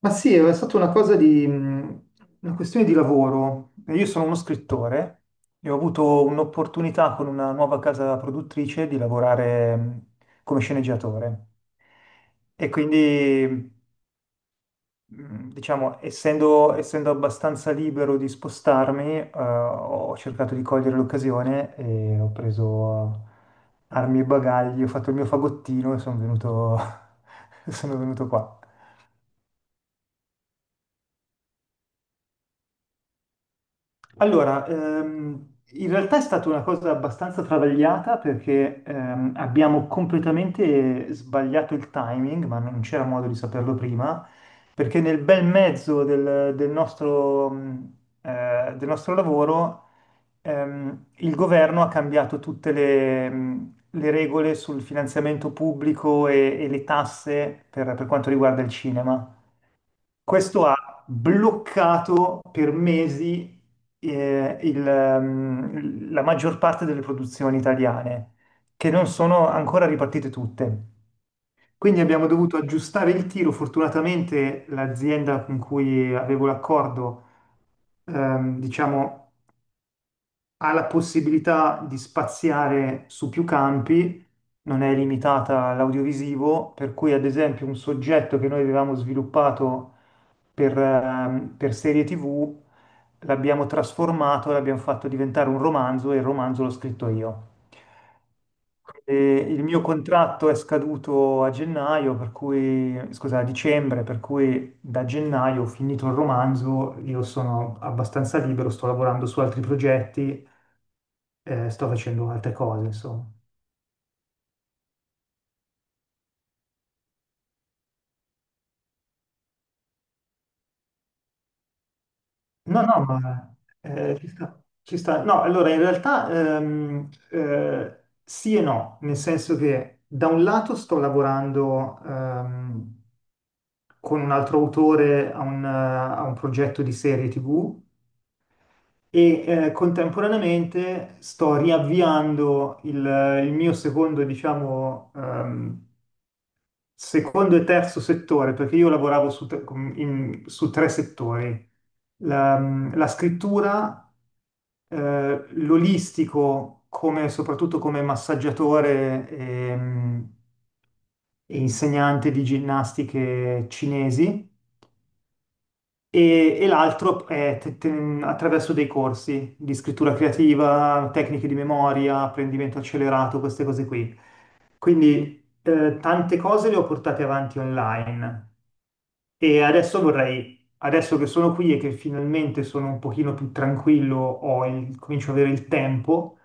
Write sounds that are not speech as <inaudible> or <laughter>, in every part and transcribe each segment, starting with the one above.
Ma sì, è stata una cosa una questione di lavoro. Io sono uno scrittore e ho avuto un'opportunità con una nuova casa produttrice di lavorare come sceneggiatore. E quindi, diciamo, essendo abbastanza libero di spostarmi, ho cercato di cogliere l'occasione e ho preso armi e bagagli, ho fatto il mio fagottino e sono venuto, <laughs> sono venuto qua. Allora, in realtà è stata una cosa abbastanza travagliata perché abbiamo completamente sbagliato il timing, ma non c'era modo di saperlo prima, perché nel bel mezzo del nostro, del nostro lavoro il governo ha cambiato tutte le regole sul finanziamento pubblico e le tasse per quanto riguarda il cinema. Questo ha bloccato per mesi la maggior parte delle produzioni italiane, che non sono ancora ripartite tutte. Quindi abbiamo dovuto aggiustare il tiro. Fortunatamente l'azienda con cui avevo l'accordo, diciamo, ha la possibilità di spaziare su più campi, non è limitata all'audiovisivo, per cui ad esempio un soggetto che noi avevamo sviluppato per serie TV l'abbiamo trasformato, l'abbiamo fatto diventare un romanzo e il romanzo l'ho scritto io. E il mio contratto è scaduto a gennaio, per cui, scusa, a dicembre, per cui da gennaio ho finito il romanzo, io sono abbastanza libero, sto lavorando su altri progetti, sto facendo altre cose, insomma. No, no, ma ci sta, ci sta. No, allora in realtà sì e no, nel senso che da un lato sto lavorando con un altro autore a a un progetto di serie TV e contemporaneamente sto riavviando il mio secondo, diciamo, secondo e terzo settore, perché io lavoravo su, tre su tre settori. La, la scrittura, l'olistico, come, soprattutto come massaggiatore, e insegnante di ginnastiche cinesi, e l'altro è attraverso dei corsi di scrittura creativa, tecniche di memoria, apprendimento accelerato, queste cose qui. Quindi, tante cose le ho portate avanti online. E adesso vorrei, adesso che sono qui e che finalmente sono un pochino più tranquillo, comincio ad avere il tempo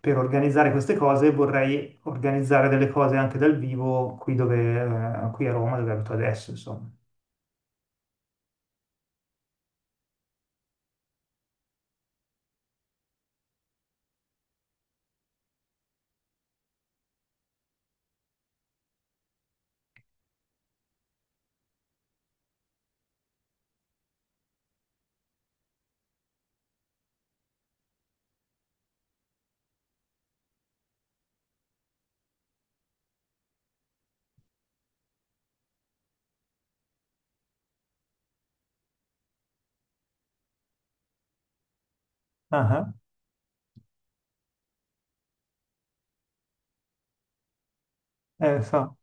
per organizzare queste cose, vorrei organizzare delle cose anche dal vivo qui, dove, qui a Roma, dove abito adesso, insomma. Ah, ah, so.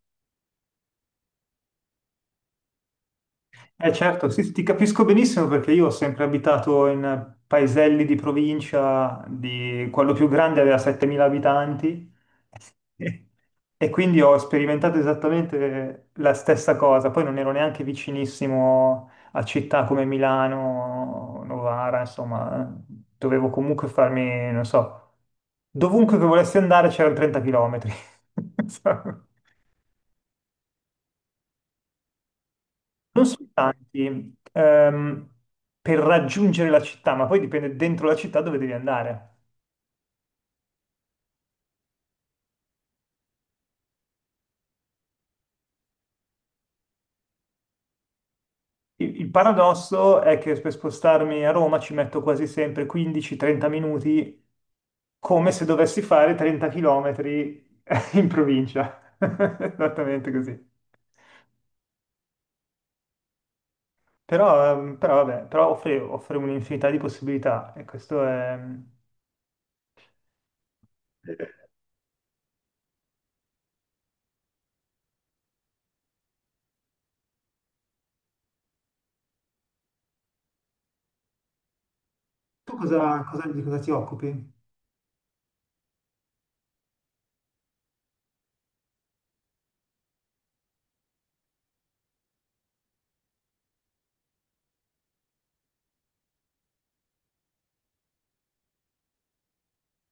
Eh certo, sì, sì, ti capisco benissimo perché io ho sempre abitato in paeselli di provincia, di quello più grande aveva 7.000 abitanti. <laughs> e e quindi ho sperimentato esattamente la stessa cosa. Poi non ero neanche vicinissimo a città come Milano, Novara, insomma, dovevo comunque farmi, non so, dovunque che volessi andare c'erano 30 chilometri. <laughs> Non sono tanti, per raggiungere la città, ma poi dipende dentro la città dove devi andare. Il paradosso è che per spostarmi a Roma ci metto quasi sempre 15-30 minuti, come se dovessi fare 30 km <laughs> in provincia. <laughs> Esattamente così. Però, però vabbè, però offre, offre un'infinità di possibilità e questo è... Tu di cosa ti occupi?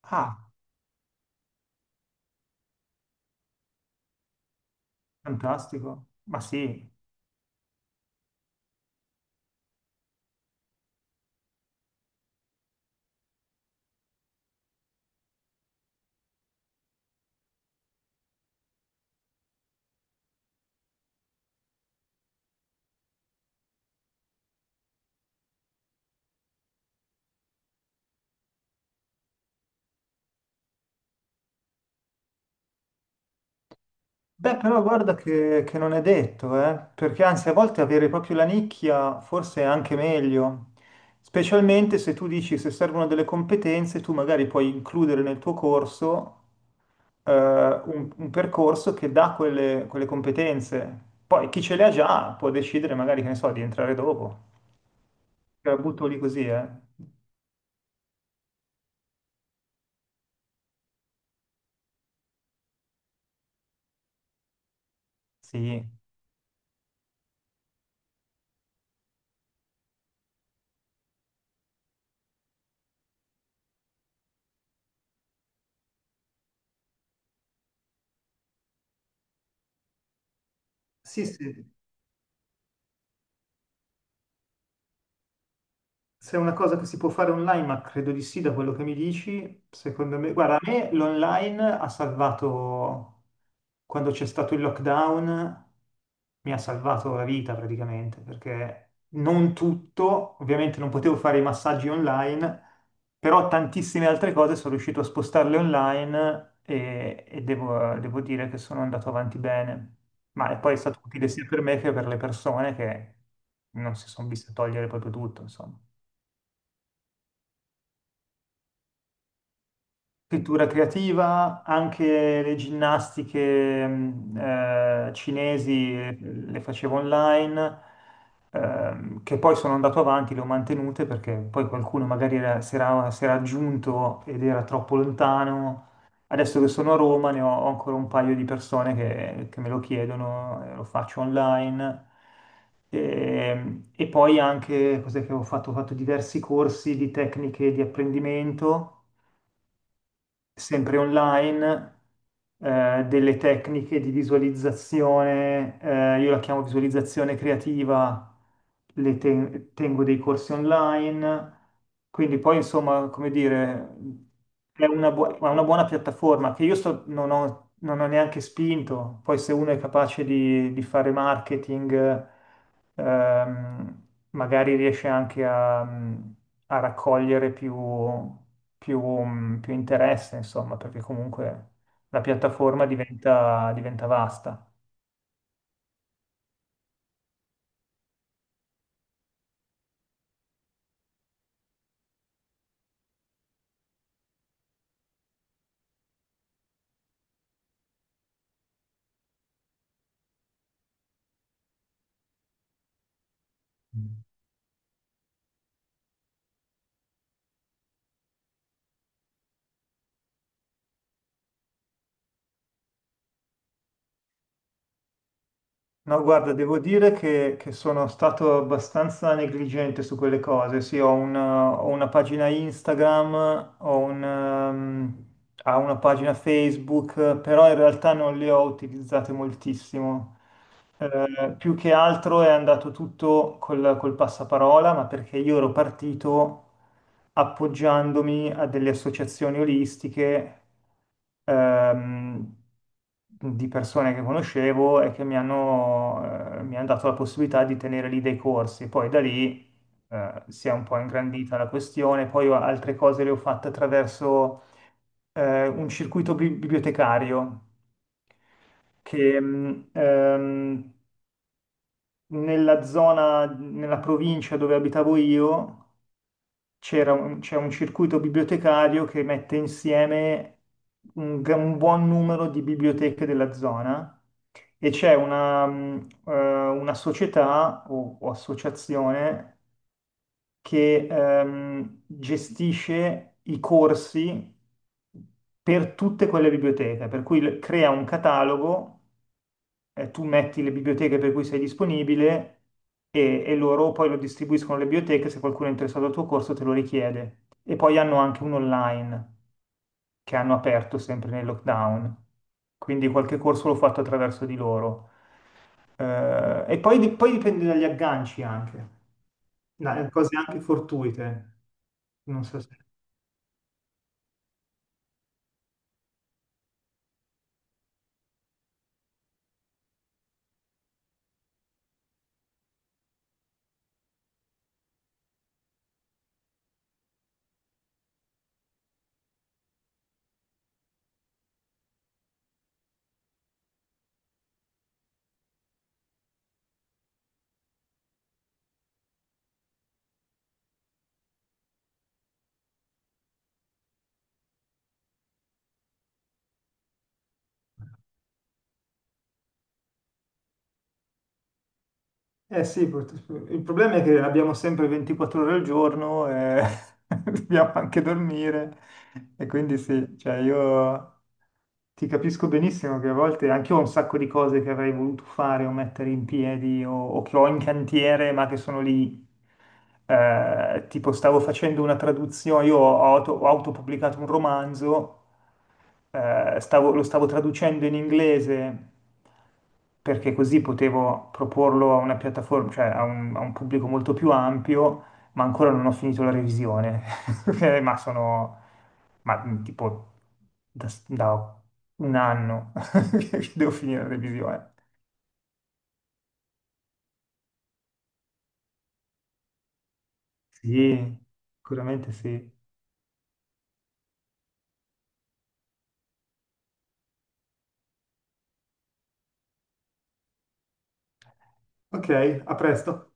Ah, fantastico. Ma sì, beh, però guarda che non è detto, eh. Perché anzi a volte avere proprio la nicchia forse è anche meglio, specialmente se tu dici se servono delle competenze, tu magari puoi includere nel tuo corso un percorso che dà quelle, quelle competenze. Poi chi ce le ha già può decidere magari, che ne so, di entrare dopo. Te la butto lì così, eh? Sì. Sì, sì. Se è una cosa che si può fare online, ma credo di sì, da quello che mi dici, secondo me, guarda, a me l'online ha salvato, quando c'è stato il lockdown, mi ha salvato la vita praticamente, perché non tutto, ovviamente non potevo fare i massaggi online, però tantissime altre cose sono riuscito a spostarle online e devo, devo dire che sono andato avanti bene. Ma e poi è stato utile sia per me che per le persone che non si sono viste togliere proprio tutto, insomma. Scrittura creativa, anche le ginnastiche cinesi, le facevo online, che poi sono andato avanti, le ho mantenute perché poi qualcuno magari si era aggiunto ed era troppo lontano. Adesso che sono a Roma ho ancora un paio di persone che me lo chiedono, lo faccio online. E poi anche, cos'è che ho fatto? Ho fatto diversi corsi di tecniche di apprendimento sempre online, delle tecniche di visualizzazione, io la chiamo visualizzazione creativa, tengo dei corsi online, quindi poi insomma, come dire, è è una buona piattaforma che io non ho neanche spinto, poi se uno è capace di fare marketing, ehm, magari riesce anche a a raccogliere più interesse, insomma, perché comunque la piattaforma diventa, diventa vasta. Mm. No, guarda, devo dire che sono stato abbastanza negligente su quelle cose. Sì, ho una pagina Instagram, ho una pagina Facebook, però in realtà non le ho utilizzate moltissimo. Più che altro è andato tutto col passaparola, ma perché io ero partito, appoggiandomi a delle associazioni olistiche, ehm, di persone che conoscevo e che mi hanno dato la possibilità di tenere lì dei corsi. Poi da lì, si è un po' ingrandita la questione, poi altre cose le ho fatte attraverso un circuito bibliotecario che nella zona, nella provincia dove abitavo io, c'è un circuito bibliotecario che mette insieme un buon numero di biblioteche della zona e c'è una società o associazione che, gestisce i corsi per tutte quelle biblioteche, per cui crea un catalogo, tu metti le biblioteche per cui sei disponibile e loro poi lo distribuiscono alle biblioteche se qualcuno è interessato al tuo corso te lo richiede. E poi hanno anche un online che hanno aperto sempre nel lockdown, quindi qualche corso l'ho fatto attraverso di loro. E poi, poi dipende dagli agganci anche, cose anche fortuite. Non so se... Eh sì, il problema è che abbiamo sempre 24 ore al giorno e <laughs> dobbiamo anche dormire e quindi sì, cioè io ti capisco benissimo che a volte anche io ho un sacco di cose che avrei voluto fare o mettere in piedi o che ho in cantiere ma che sono lì. Tipo stavo facendo una traduzione, io ho, ho autopubblicato un romanzo, lo stavo traducendo in inglese perché così potevo proporlo a una piattaforma, cioè a un pubblico molto più ampio, ma ancora non ho finito la revisione. <laughs> Ma sono ma, tipo da un anno <laughs> che devo finire la revisione. Sì, sicuramente sì. Ok, a presto.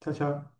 Ciao ciao.